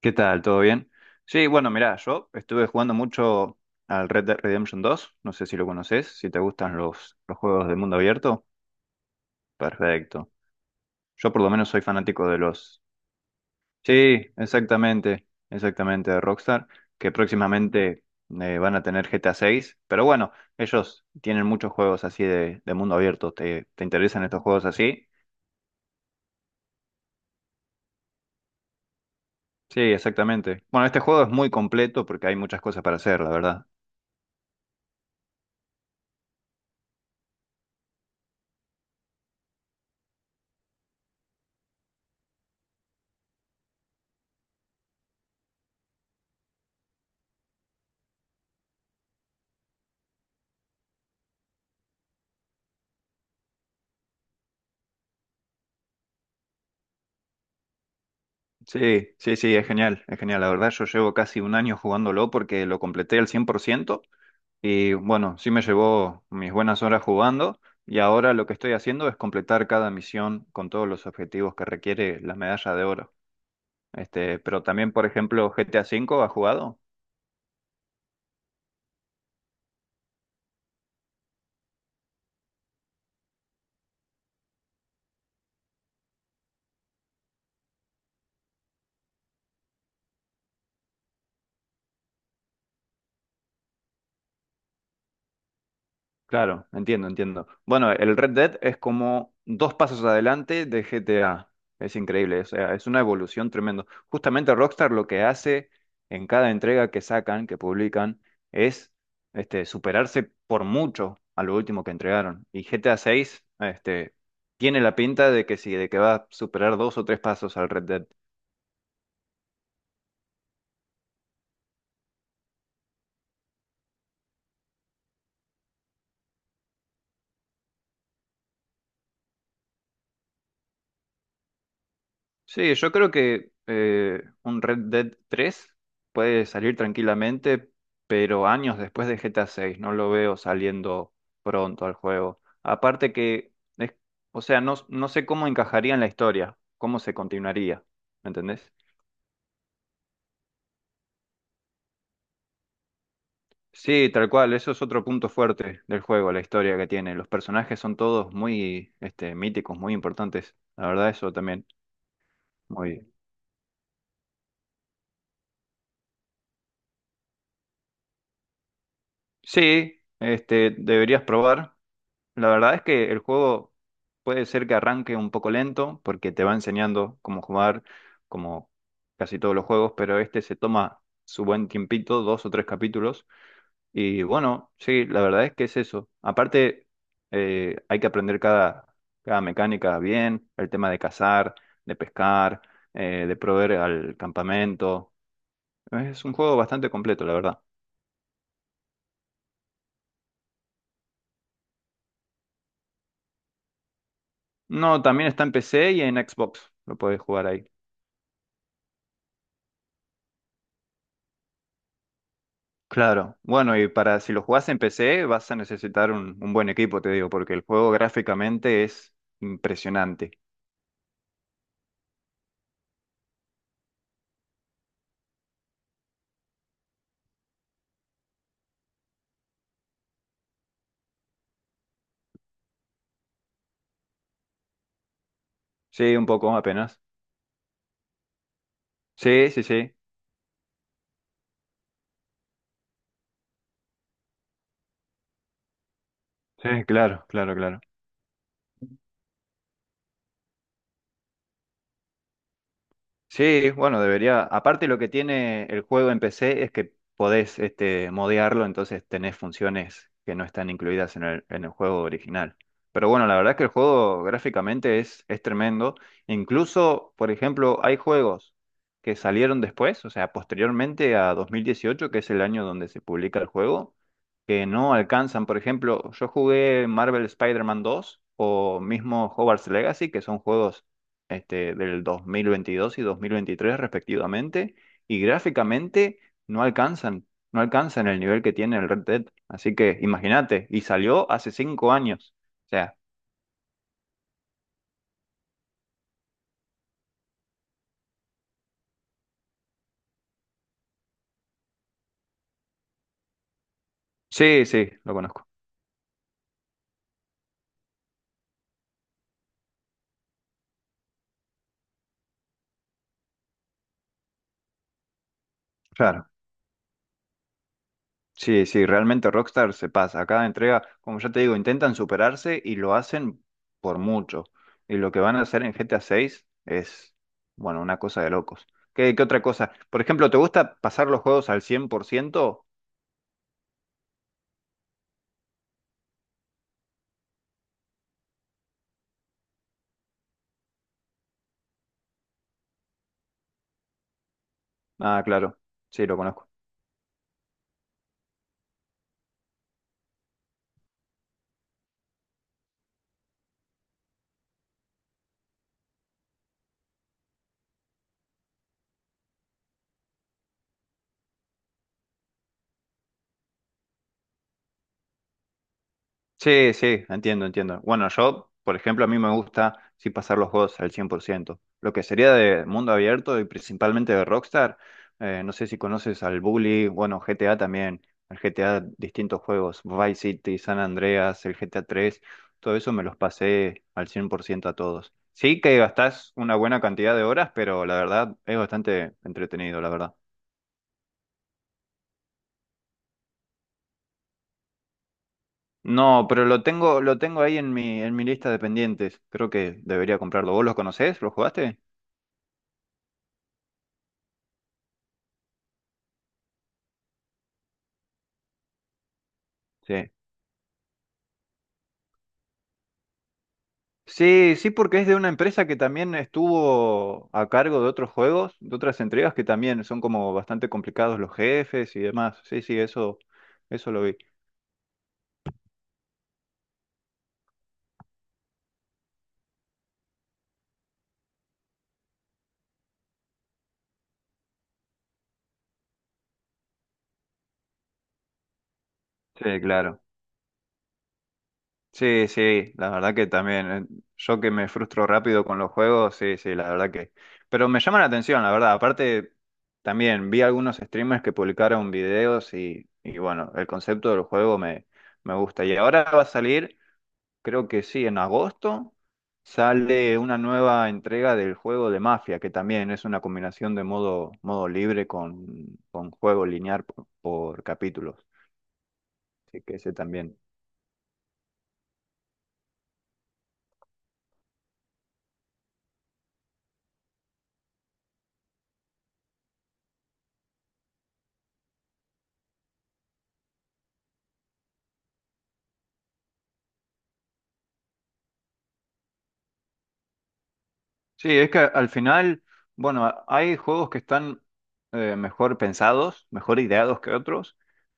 ¿Qué tal? ¿Todo bien? Sí, bueno, mirá, yo estuve jugando mucho al Red Dead Redemption 2, no sé si lo conoces, si te gustan los juegos de mundo abierto, perfecto. Yo por lo menos soy fanático de los. Sí, exactamente, exactamente, de Rockstar, que próximamente van a tener GTA 6, pero bueno, ellos tienen muchos juegos así de mundo abierto, ¿te interesan estos juegos así? Sí, exactamente. Bueno, este juego es muy completo porque hay muchas cosas para hacer, la verdad. Sí, sí, sí, es genial, es genial. La verdad, yo llevo casi un año jugándolo porque lo completé al 100% y bueno, sí me llevó mis buenas horas jugando y ahora lo que estoy haciendo es completar cada misión con todos los objetivos que requiere la medalla de oro. Pero también, por ejemplo, GTA V, ¿has jugado? Claro, entiendo, entiendo. Bueno, el Red Dead es como dos pasos adelante de GTA. Es increíble, o sea, es una evolución tremenda. Justamente Rockstar lo que hace en cada entrega que sacan, que publican, es superarse por mucho a lo último que entregaron. Y GTA 6 tiene la pinta de que sí, de que va a superar dos o tres pasos al Red Dead. Sí, yo creo que un Red Dead 3 puede salir tranquilamente, pero años después de GTA 6, no lo veo saliendo pronto al juego. Aparte que, es- o sea, no, no sé cómo encajaría en la historia, cómo se continuaría, ¿me entendés? Sí, tal cual, eso es otro punto fuerte del juego, la historia que tiene. Los personajes son todos muy míticos, muy importantes. La verdad, eso también, muy bien. Sí, deberías probar. La verdad es que el juego puede ser que arranque un poco lento porque te va enseñando cómo jugar, como casi todos los juegos, pero este se toma su buen tiempito, dos o tres capítulos. Y bueno, sí, la verdad es que es eso. Aparte, hay que aprender cada mecánica bien, el tema de cazar, de pescar, de proveer al campamento. Es un juego bastante completo, la verdad. No, también está en PC y en Xbox, lo puedes jugar ahí. Claro, bueno, y para si lo jugás en PC vas a necesitar un buen equipo, te digo, porque el juego gráficamente es impresionante. Sí, un poco apenas. Sí, sí, sí. Sí, claro, claro, claro. Sí, bueno, debería. Aparte, lo que tiene el juego en PC es que podés modearlo, entonces tenés funciones que no están incluidas en el juego original. Pero bueno, la verdad es que el juego gráficamente es tremendo. Incluso, por ejemplo, hay juegos que salieron después, o sea, posteriormente a 2018, que es el año donde se publica el juego, que no alcanzan. Por ejemplo, yo jugué Marvel Spider-Man 2 o mismo Hogwarts Legacy, que son juegos del 2022 y 2023 respectivamente, y gráficamente no alcanzan, no alcanzan el nivel que tiene el Red Dead. Así que imagínate, y salió hace 5 años. O sea, sí, sí, lo conozco. Claro. Sí, sí, realmente Rockstar se pasa. Cada entrega, como ya te digo, intentan superarse y lo hacen por mucho. Y lo que van a hacer en GTA 6 es, bueno, una cosa de locos. ¿Qué, qué otra cosa? Por ejemplo, ¿te gusta pasar los juegos al 100%? Ah, claro. Sí, lo conozco. Sí, sí, entiendo, entiendo. Bueno, yo, por ejemplo, a mí me gusta sí pasar los juegos al 100%. Lo que sería de mundo abierto y principalmente de Rockstar, no sé si conoces al Bully, bueno, GTA también, el GTA, distintos juegos, Vice City, San Andreas, el GTA 3, todo eso me los pasé al 100% a todos. Sí que gastás una buena cantidad de horas, pero la verdad es bastante entretenido, la verdad. No, pero lo tengo ahí en mi lista de pendientes. Creo que debería comprarlo. ¿Vos los conocés? ¿Los jugaste? Sí. Sí, sí, porque es de una empresa que también estuvo a cargo de otros juegos, de otras entregas que también son como bastante complicados los jefes y demás. Sí, sí, eso lo vi. Sí, claro. Sí, sí, la verdad que también. Yo que me frustro rápido con los juegos, sí, sí, la verdad que. Pero me llama la atención, la verdad. Aparte, también vi algunos streamers que publicaron videos y bueno, el concepto del juego me gusta. Y ahora va a salir, creo que sí, en agosto, sale una nueva entrega del juego de Mafia, que también es una combinación de modo libre con juego lineal por capítulos. Así que ese también. Sí, es que al final, bueno, hay juegos que están mejor pensados, mejor ideados que otros,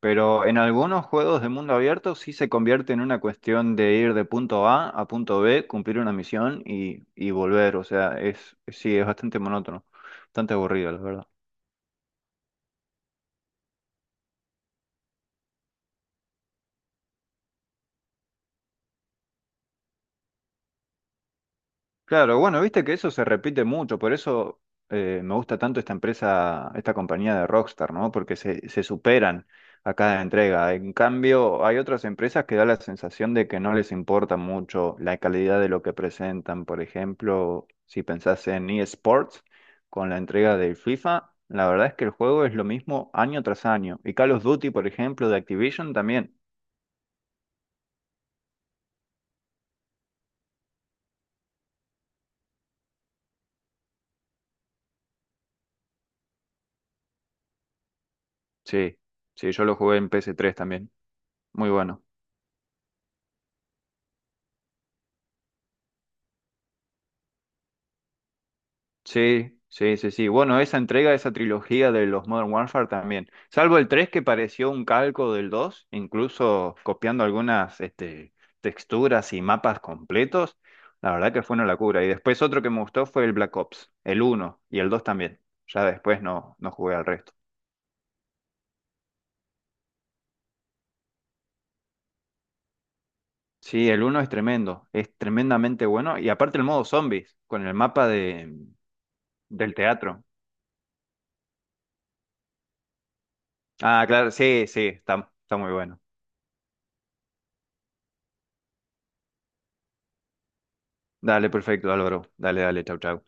pero en algunos juegos de mundo abierto sí se convierte en una cuestión de ir de punto A a punto B, cumplir una misión y volver. O sea, sí, es bastante monótono, bastante aburrido, la verdad. Claro, bueno, viste que eso se repite mucho, por eso me gusta tanto esta empresa, esta compañía de Rockstar, ¿no? Porque se superan a cada entrega. En cambio, hay otras empresas que da la sensación de que no les importa mucho la calidad de lo que presentan. Por ejemplo, si pensás en eSports, con la entrega del FIFA, la verdad es que el juego es lo mismo año tras año. Y Call of Duty, por ejemplo, de Activision también. Sí, sí, yo lo jugué en PS3 también. Muy bueno. Sí, sí, sí, sí. Bueno, esa entrega, esa trilogía de los Modern Warfare también. Salvo el 3 que pareció un calco del 2, incluso copiando algunas texturas y mapas completos. La verdad que fue una locura. Y después otro que me gustó fue el Black Ops, el uno y el 2 también. Ya después no jugué al resto. Sí, el uno es tremendo, es tremendamente bueno. Y aparte el modo zombies, con el mapa del teatro. Ah, claro, sí, sí, está muy bueno. Dale, perfecto, Álvaro. Dale, dale, chau, chau.